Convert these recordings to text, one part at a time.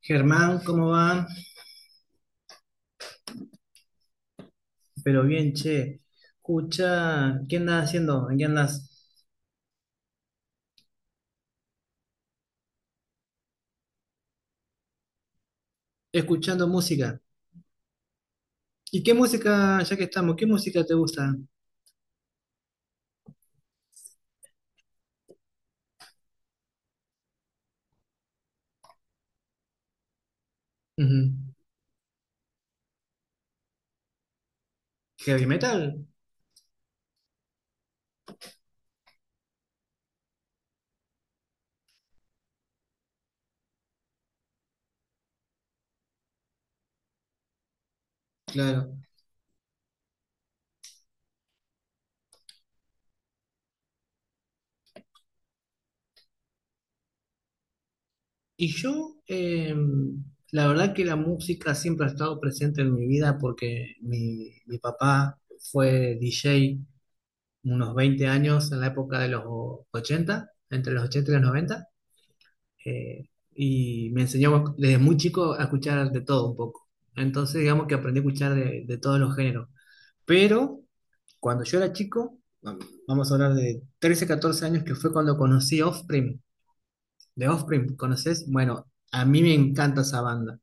Germán, ¿cómo va? Pero bien, che. Escucha, ¿qué andas haciendo? ¿En ¿Qué andas? Escuchando música. ¿Y qué música, ya que estamos, qué música te gusta? Ujú. Heavy metal, claro. Y yo, la verdad que la música siempre ha estado presente en mi vida porque mi papá fue DJ unos 20 años en la época de los 80, entre los 80 y los 90. eh, y me enseñó desde muy chico a escuchar de todo un poco. Entonces, digamos que aprendí a escuchar de todos los géneros. Pero cuando yo era chico, vamos a hablar de 13 14 años, que fue cuando conocí Offspring. De Offspring, ¿conoces? Bueno, a mí me encanta esa banda.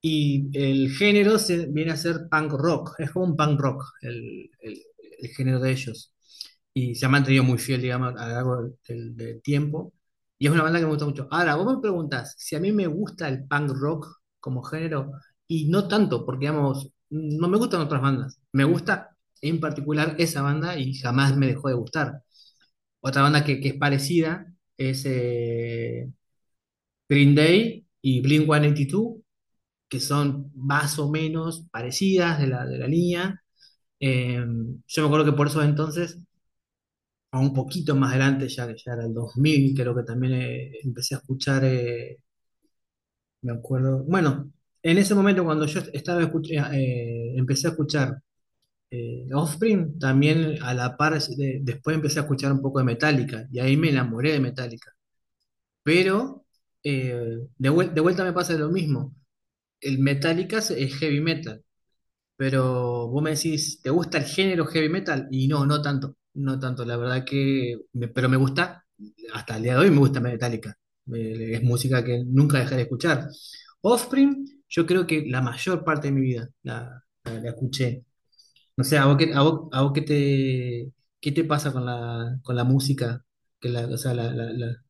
Y el género se, viene a ser punk rock, es como un punk rock el género de ellos. Y se han mantenido muy fiel, digamos, a lo largo del tiempo. Y es una banda que me gusta mucho. Ahora, vos me preguntás si a mí me gusta el punk rock como género, y no tanto, porque, digamos, no me gustan otras bandas. Me gusta en particular esa banda y jamás me dejó de gustar. Otra banda que es parecida es Green Day y Blink-182, que son más o menos parecidas de la línea. Eh, yo me acuerdo que por eso entonces, o un poquito más adelante, ya que ya era el 2000, creo que también empecé a escuchar, me acuerdo, bueno, en ese momento cuando yo estaba empecé a escuchar Offspring, también a la par, después empecé a escuchar un poco de Metallica, y ahí me enamoré de Metallica, pero de vuelta me pasa lo mismo, el Metallica es heavy metal. Pero vos me decís, ¿te gusta el género heavy metal? Y no, no tanto, no tanto, la verdad que, pero me gusta, hasta el día de hoy me gusta Metallica. Es música que nunca dejaré de escuchar. Offspring, yo creo que la mayor parte de mi vida la escuché. No sé, ¿a vos qué, a vos qué te pasa con con la música? Que la, o sea,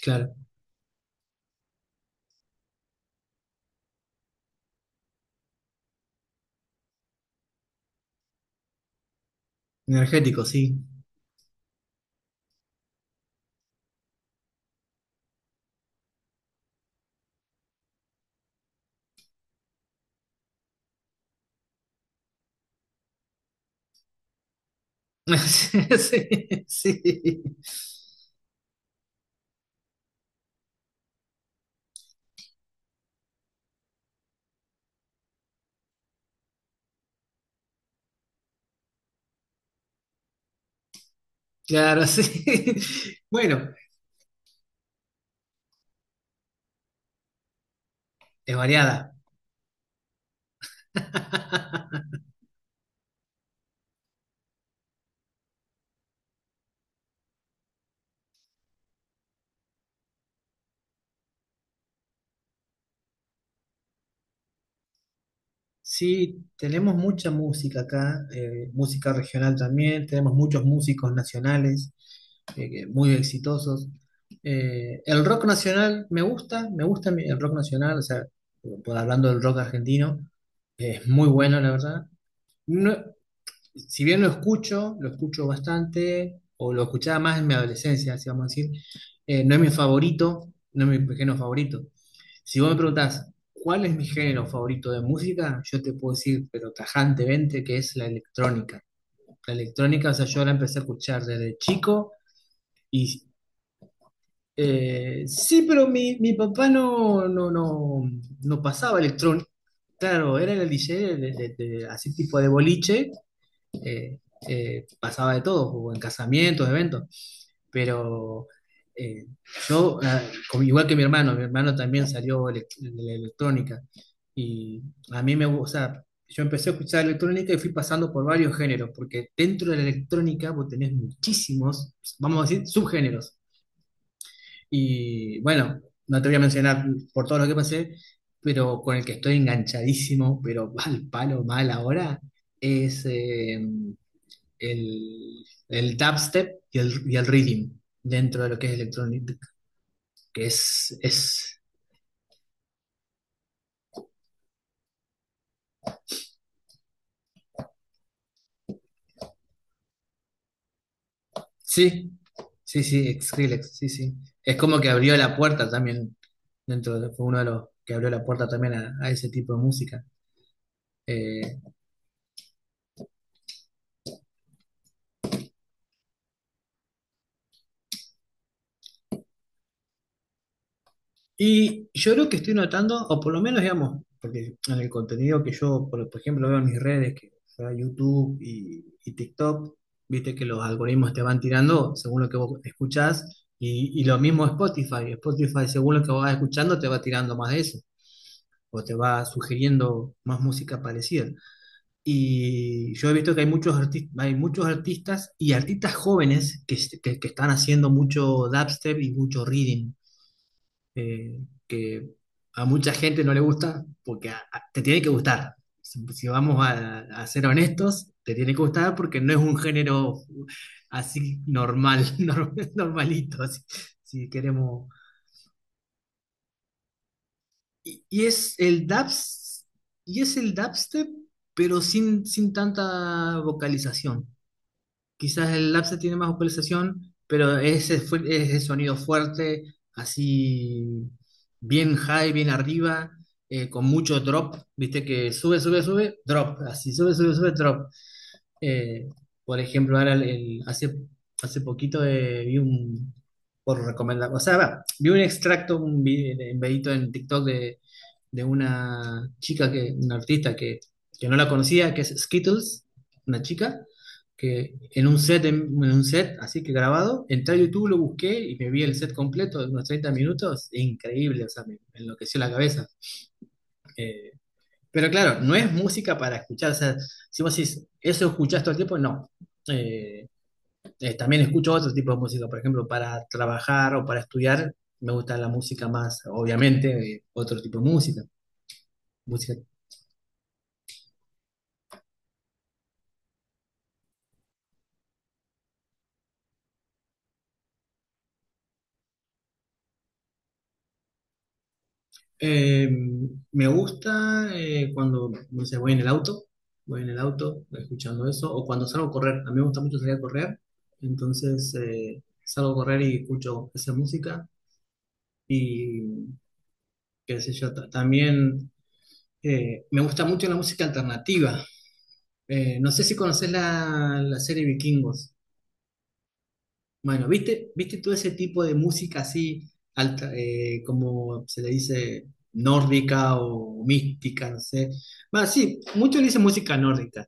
claro, energético, sí. Sí, sí, claro, sí. Bueno, es variada. Sí, tenemos mucha música acá, música regional también, tenemos muchos músicos nacionales muy exitosos. El rock nacional me gusta el rock nacional, o sea, hablando del rock argentino, es muy bueno, la verdad. No, si bien lo escucho bastante, o lo escuchaba más en mi adolescencia, así vamos a decir, no es mi favorito, no es mi género favorito. Si vos me preguntás, ¿cuál es mi género favorito de música? Yo te puedo decir, pero tajantemente, que es la electrónica. La electrónica, o sea, yo la empecé a escuchar desde chico y sí, pero mi papá no, no, no, no pasaba electrónica. Claro, era el DJ de, así tipo de boliche, eh, pasaba de todo, o en casamientos, eventos, pero eh, yo, ah, igual que mi hermano también salió de la electrónica y a mí me gusta, o sea, yo empecé a escuchar electrónica y fui pasando por varios géneros, porque dentro de la electrónica vos tenés muchísimos, vamos a decir, subgéneros. Y bueno, no te voy a mencionar por todo lo que pasé, pero con el que estoy enganchadísimo, pero al palo mal ahora, es el dubstep y el rhythm dentro de lo que es electronic, que es, sí, sí, sí, Skrillex, sí, sí. Es como que abrió la puerta también, dentro de, fue uno de los que abrió la puerta también a ese tipo de música. Eh, Y yo creo que estoy notando, o por lo menos, digamos, porque en el contenido que yo, por ejemplo, veo en mis redes, que sea YouTube y TikTok, viste que los algoritmos te van tirando según lo que vos escuchás, y lo mismo Spotify. Spotify, según lo que vos vas escuchando, te va tirando más de eso, o te va sugiriendo más música parecida. Y yo he visto que hay muchos, hay muchos artistas y artistas jóvenes que están haciendo mucho dubstep y mucho reading eh, que a mucha gente no le gusta, porque te tiene que gustar. Si, si vamos a ser honestos, te tiene que gustar porque no es un género así normal, normalito, así, si queremos. Y, y es el dubs, y es el dubstep, pero sin tanta vocalización. Quizás el Lapse tiene más vocalización, pero es el sonido fuerte, así bien high, bien arriba, con mucho drop, viste que sube, sube, sube, drop, así sube, sube, sube, drop. Eh, por ejemplo, ahora hace poquito vi un, por recomendar, o sea, va, vi un extracto, un videito en TikTok de, una chica, que, una artista que no la conocía, que es Skittles, una chica, que en un set, en un set, así que grabado, entré a YouTube, lo busqué y me vi el set completo de unos 30 minutos, increíble, o sea, me enloqueció la cabeza. Eh, pero claro, no es música para escuchar. O sea, si vos decís, eso escuchás todo el tiempo, no. Eh, También escucho otro tipo de música. Por ejemplo, para trabajar o para estudiar, me gusta la música más, obviamente, otro tipo de música. Eh, Me gusta cuando, no sé, voy en el auto, voy en el auto escuchando eso, o cuando salgo a correr. A mí me gusta mucho salir a correr. Entonces, salgo a correr y escucho esa música. Y qué sé yo, también me gusta mucho la música alternativa. No sé si conoces la serie Vikingos. Bueno, ¿viste, viste todo ese tipo de música así, como se le dice, nórdica o mística, no sé? Bueno, sí, muchos le dicen música nórdica,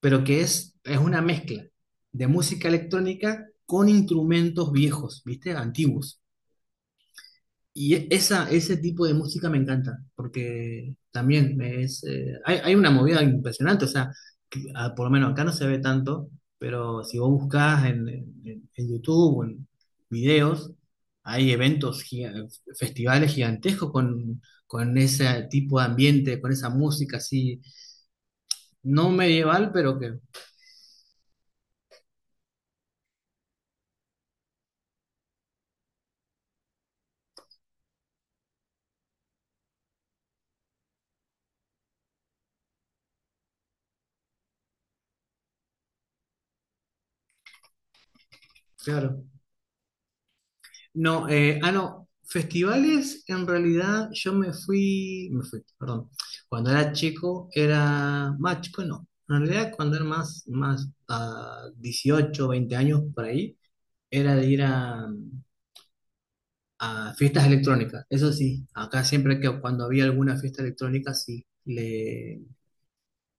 pero que es una mezcla de música electrónica con instrumentos viejos, ¿viste? Antiguos. Ese tipo de música me encanta, porque también es, hay una movida impresionante, o sea, por lo menos acá no se ve tanto, pero si vos buscás en YouTube o en videos, hay eventos, festivales gigantescos con ese tipo de ambiente, con esa música así, no medieval, pero que, claro. No, no, festivales, en realidad yo me fui, perdón, cuando era chico era más chico, no, en realidad cuando era más, a 18, 20 años por ahí, era de ir a fiestas electrónicas, eso sí, acá siempre que cuando había alguna fiesta electrónica, sí,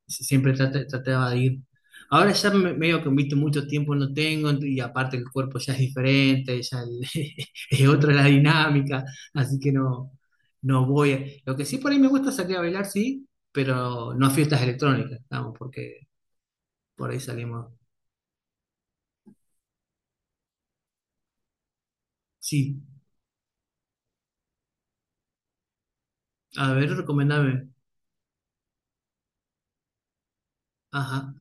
si, trataba de ir. Ahora ya medio que invito mucho tiempo no tengo y aparte el cuerpo ya es diferente, ya es otra la dinámica, así que no, no voy. Lo que sí por ahí me gusta salir a bailar, sí, pero no a fiestas electrónicas, estamos, porque por ahí salimos. Sí, a ver, recomendame. Ajá,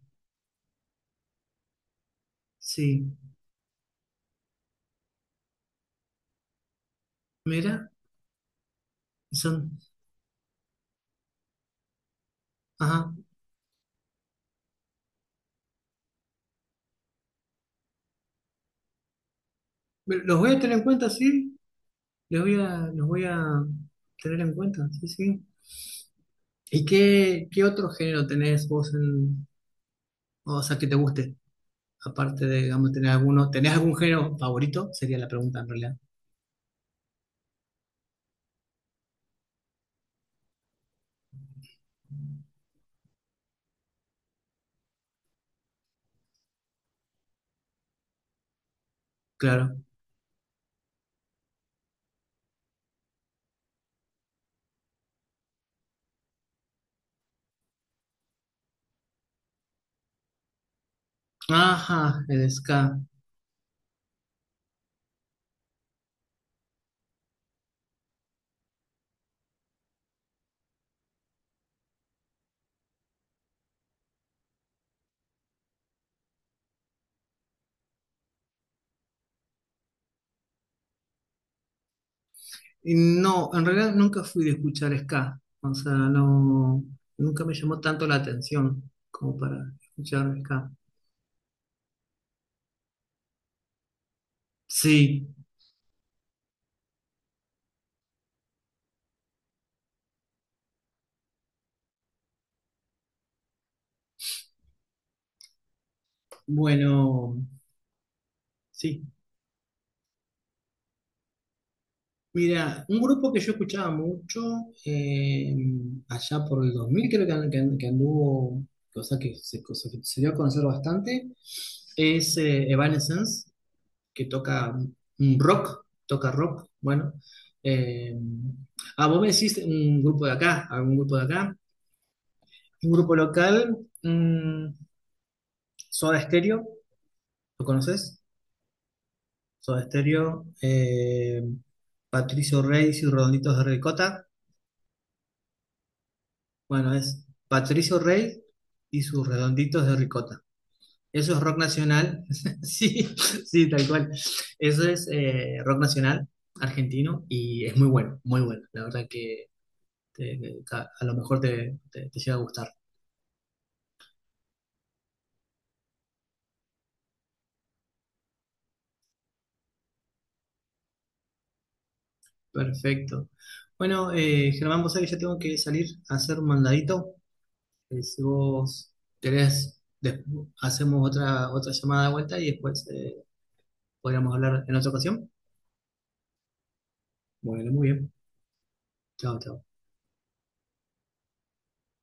sí, mira, son, ajá, los voy a tener en cuenta, sí, los voy a tener en cuenta, sí, sí. ¿Y qué, qué otro género tenés vos en, o sea, que te guste? Aparte de, digamos, tener alguno, ¿tenés algún género favorito? Sería la pregunta en realidad. Claro. Ajá, el ska. Y no, en realidad nunca fui de escuchar ska. O sea, no, nunca me llamó tanto la atención como para escuchar ska. Sí, bueno, sí. Mira, un grupo que yo escuchaba mucho eh, allá por el 2000 creo que, que anduvo, cosa que se dio a conocer bastante, es Evanescence, que toca un rock, toca rock, bueno. eh, Vos me decís un grupo de acá, algún grupo de acá, un grupo local, mm, Soda Stereo, ¿lo conoces? Soda Stereo, Patricio Reyes y Redonditos de Ricota. Bueno, es Patricio Rey y sus redonditos de ricota. Eso es rock nacional. Sí, sí, tal cual. Eso es rock nacional argentino y es muy bueno, muy bueno. La verdad que a lo mejor te llega a gustar. Perfecto. Bueno, Germán, vos sabés que ya tengo que salir a hacer un mandadito. Si vos querés, hacemos otra, otra llamada de vuelta y después podríamos hablar en otra ocasión. Bueno, muy bien. Chao, chao.